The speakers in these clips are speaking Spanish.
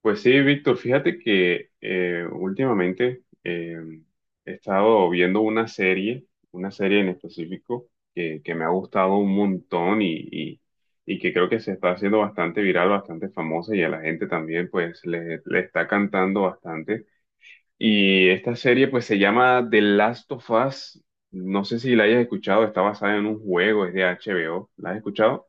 Pues sí, Víctor, fíjate que últimamente he estado viendo una serie en específico que me ha gustado un montón y que creo que se está haciendo bastante viral, bastante famosa y a la gente también pues le está cantando bastante. Y esta serie pues se llama The Last of Us, no sé si la hayas escuchado, está basada en un juego, es de HBO, ¿la has escuchado?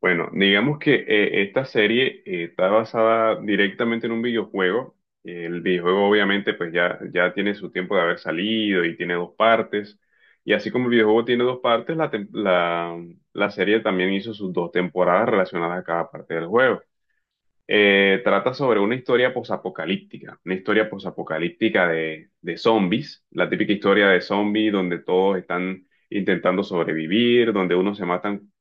Bueno, digamos que esta serie está basada directamente en un videojuego. El videojuego obviamente pues ya tiene su tiempo de haber salido y tiene dos partes. Y así como el videojuego tiene dos partes, la serie también hizo sus dos temporadas relacionadas a cada parte del juego. Trata sobre una historia posapocalíptica de zombies, la típica historia de zombies donde todos están intentando sobrevivir, donde unos se matan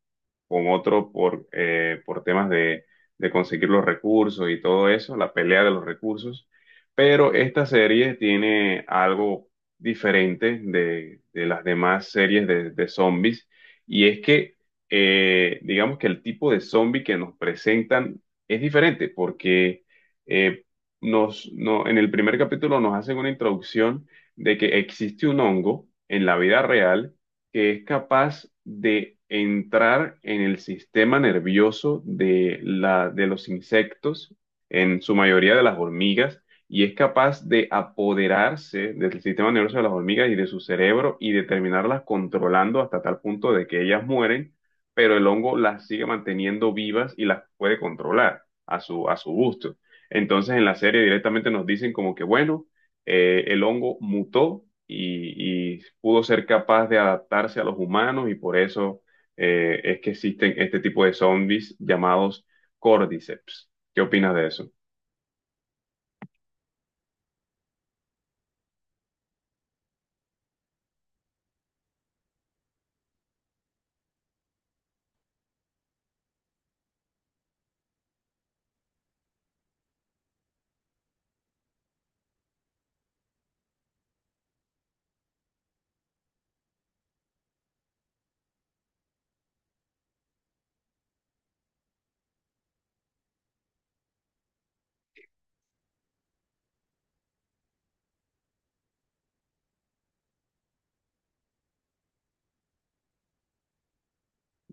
con otro por temas de conseguir los recursos y todo eso, la pelea de los recursos. Pero esta serie tiene algo diferente de las demás series de zombies y es que digamos que el tipo de zombie que nos presentan es diferente porque eh, nos, no, en el primer capítulo nos hacen una introducción de que existe un hongo en la vida real que es capaz de entrar en el sistema nervioso de de los insectos, en su mayoría de las hormigas, y es capaz de apoderarse del sistema nervioso de las hormigas y de su cerebro y de terminarlas controlando hasta tal punto de que ellas mueren, pero el hongo las sigue manteniendo vivas y las puede controlar a a su gusto. Entonces en la serie directamente nos dicen como que, bueno, el hongo mutó y pudo ser capaz de adaptarse a los humanos y por eso es que existen este tipo de zombies llamados cordyceps. ¿Qué opinas de eso?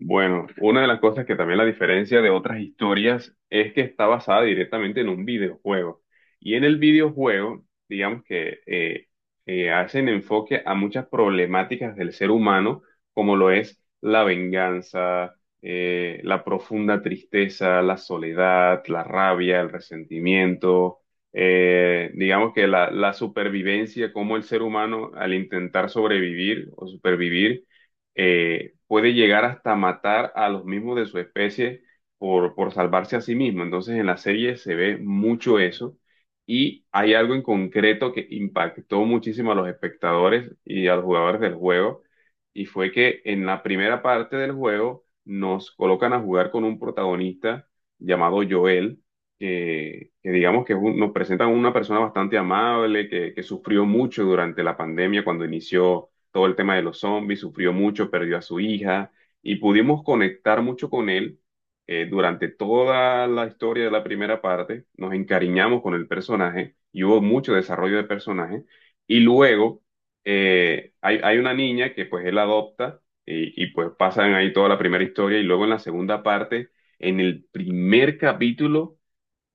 Bueno, una de las cosas que también la diferencia de otras historias es que está basada directamente en un videojuego. Y en el videojuego, digamos que hacen enfoque a muchas problemáticas del ser humano, como lo es la venganza, la profunda tristeza, la soledad, la rabia, el resentimiento, digamos que la supervivencia, como el ser humano al intentar sobrevivir o supervivir puede llegar hasta matar a los mismos de su especie por salvarse a sí mismo. Entonces en la serie se ve mucho eso y hay algo en concreto que impactó muchísimo a los espectadores y a los jugadores del juego y fue que en la primera parte del juego nos colocan a jugar con un protagonista llamado Joel. Que digamos que nos presentan una persona bastante amable, que sufrió mucho durante la pandemia cuando inició todo el tema de los zombies, sufrió mucho, perdió a su hija y pudimos conectar mucho con él durante toda la historia de la primera parte, nos encariñamos con el personaje y hubo mucho desarrollo de personaje y luego hay una niña que pues él adopta y pues pasan ahí toda la primera historia y luego en la segunda parte, en el primer capítulo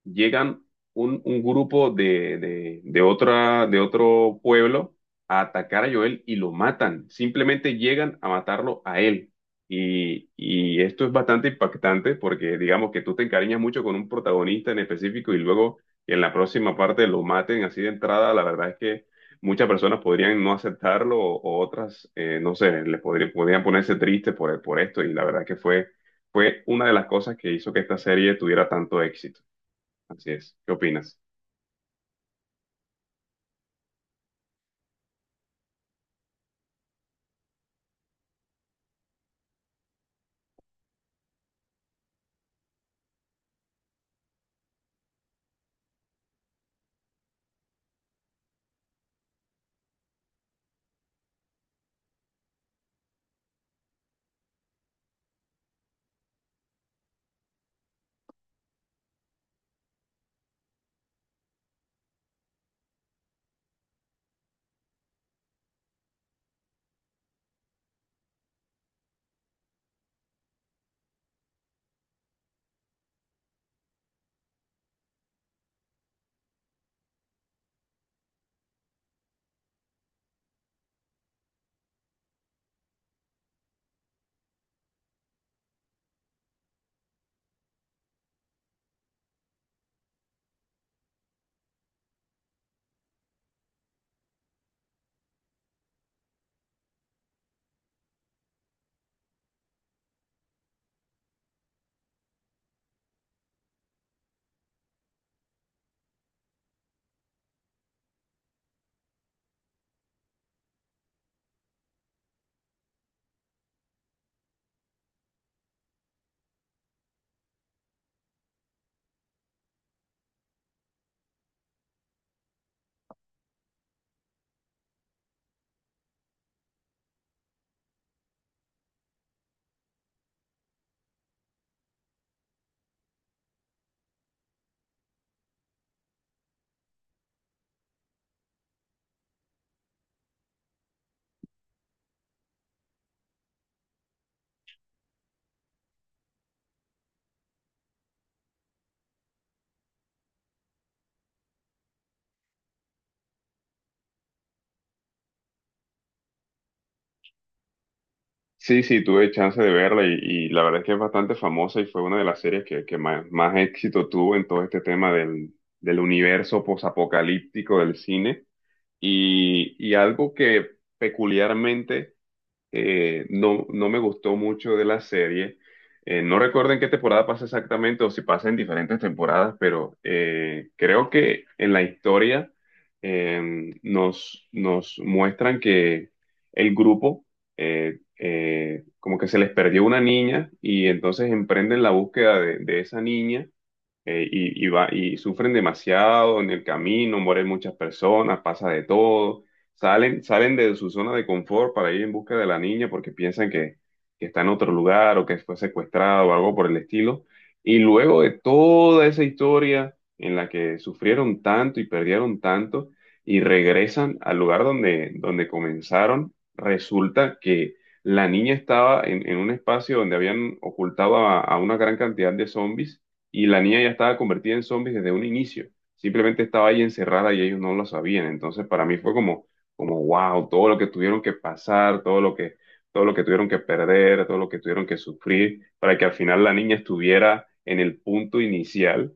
llegan un grupo de otra, de otro pueblo a atacar a Joel y lo matan. Simplemente llegan a matarlo a él. Y esto es bastante impactante porque digamos que tú te encariñas mucho con un protagonista en específico y luego que en la próxima parte lo maten así de entrada, la verdad es que muchas personas podrían no aceptarlo o otras, no sé, les podrían, podrían ponerse tristes por esto y la verdad que fue, fue una de las cosas que hizo que esta serie tuviera tanto éxito. Así es. ¿Qué opinas? Sí, sí, tuve chance de verla y la verdad es que es bastante famosa y fue una de las series que más, más éxito tuvo en todo este tema del universo posapocalíptico del cine. Y algo que peculiarmente no me gustó mucho de la serie. No recuerdo en qué temporada pasa exactamente o si pasa en diferentes temporadas, pero creo que en la historia nos muestran que el grupo, como que se les perdió una niña y entonces emprenden la búsqueda de esa niña y y sufren demasiado en el camino, mueren muchas personas, pasa de todo, salen de su zona de confort para ir en busca de la niña porque piensan que está en otro lugar o que fue secuestrado o algo por el estilo. Y luego de toda esa historia en la que sufrieron tanto y perdieron tanto y regresan al lugar donde, donde comenzaron, resulta que... La niña estaba en un espacio donde habían ocultado a una gran cantidad de zombies y la niña ya estaba convertida en zombie desde un inicio. Simplemente estaba ahí encerrada y ellos no lo sabían. Entonces para mí fue como, como wow, todo lo que tuvieron que pasar, todo lo que tuvieron que perder, todo lo que tuvieron que sufrir para que al final la niña estuviera en el punto inicial.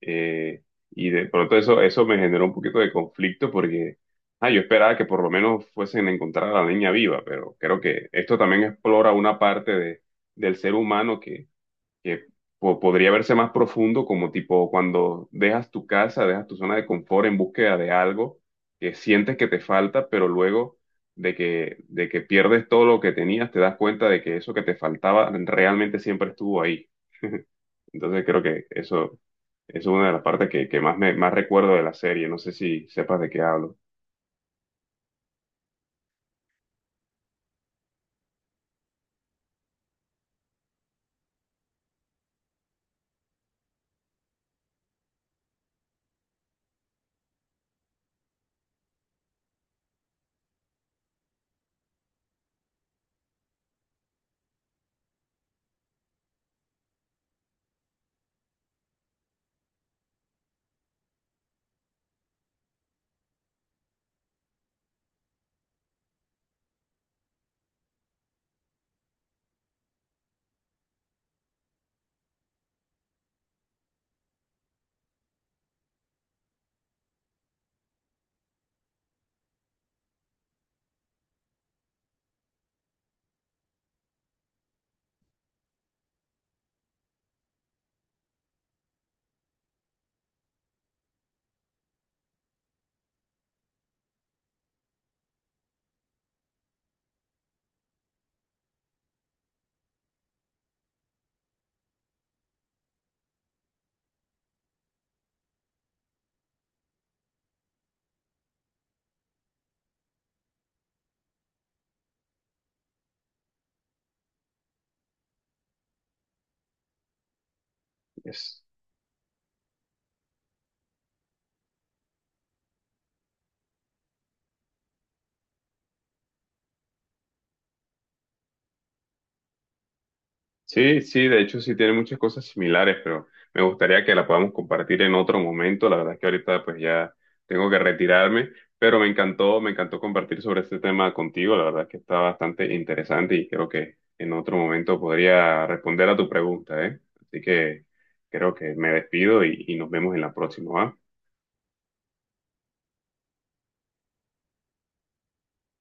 Eh, y de pronto eso, eso me generó un poquito de conflicto porque ah, yo esperaba que por lo menos fuesen a encontrar a la niña viva, pero creo que esto también explora una parte del ser humano que podría verse más profundo, como tipo cuando dejas tu casa, dejas tu zona de confort en búsqueda de algo que sientes que te falta, pero luego de que pierdes todo lo que tenías, te das cuenta de que eso que te faltaba realmente siempre estuvo ahí. Entonces creo que eso es una de las partes que más me, más recuerdo de la serie. No sé si sepas de qué hablo. Sí, sí, de hecho sí tiene muchas cosas similares, pero me gustaría que la podamos compartir en otro momento. La verdad es que ahorita pues ya tengo que retirarme, pero me encantó compartir sobre este tema contigo. La verdad es que está bastante interesante y creo que en otro momento podría responder a tu pregunta, ¿eh? Así que creo que me despido y nos vemos en la próxima, ¿va?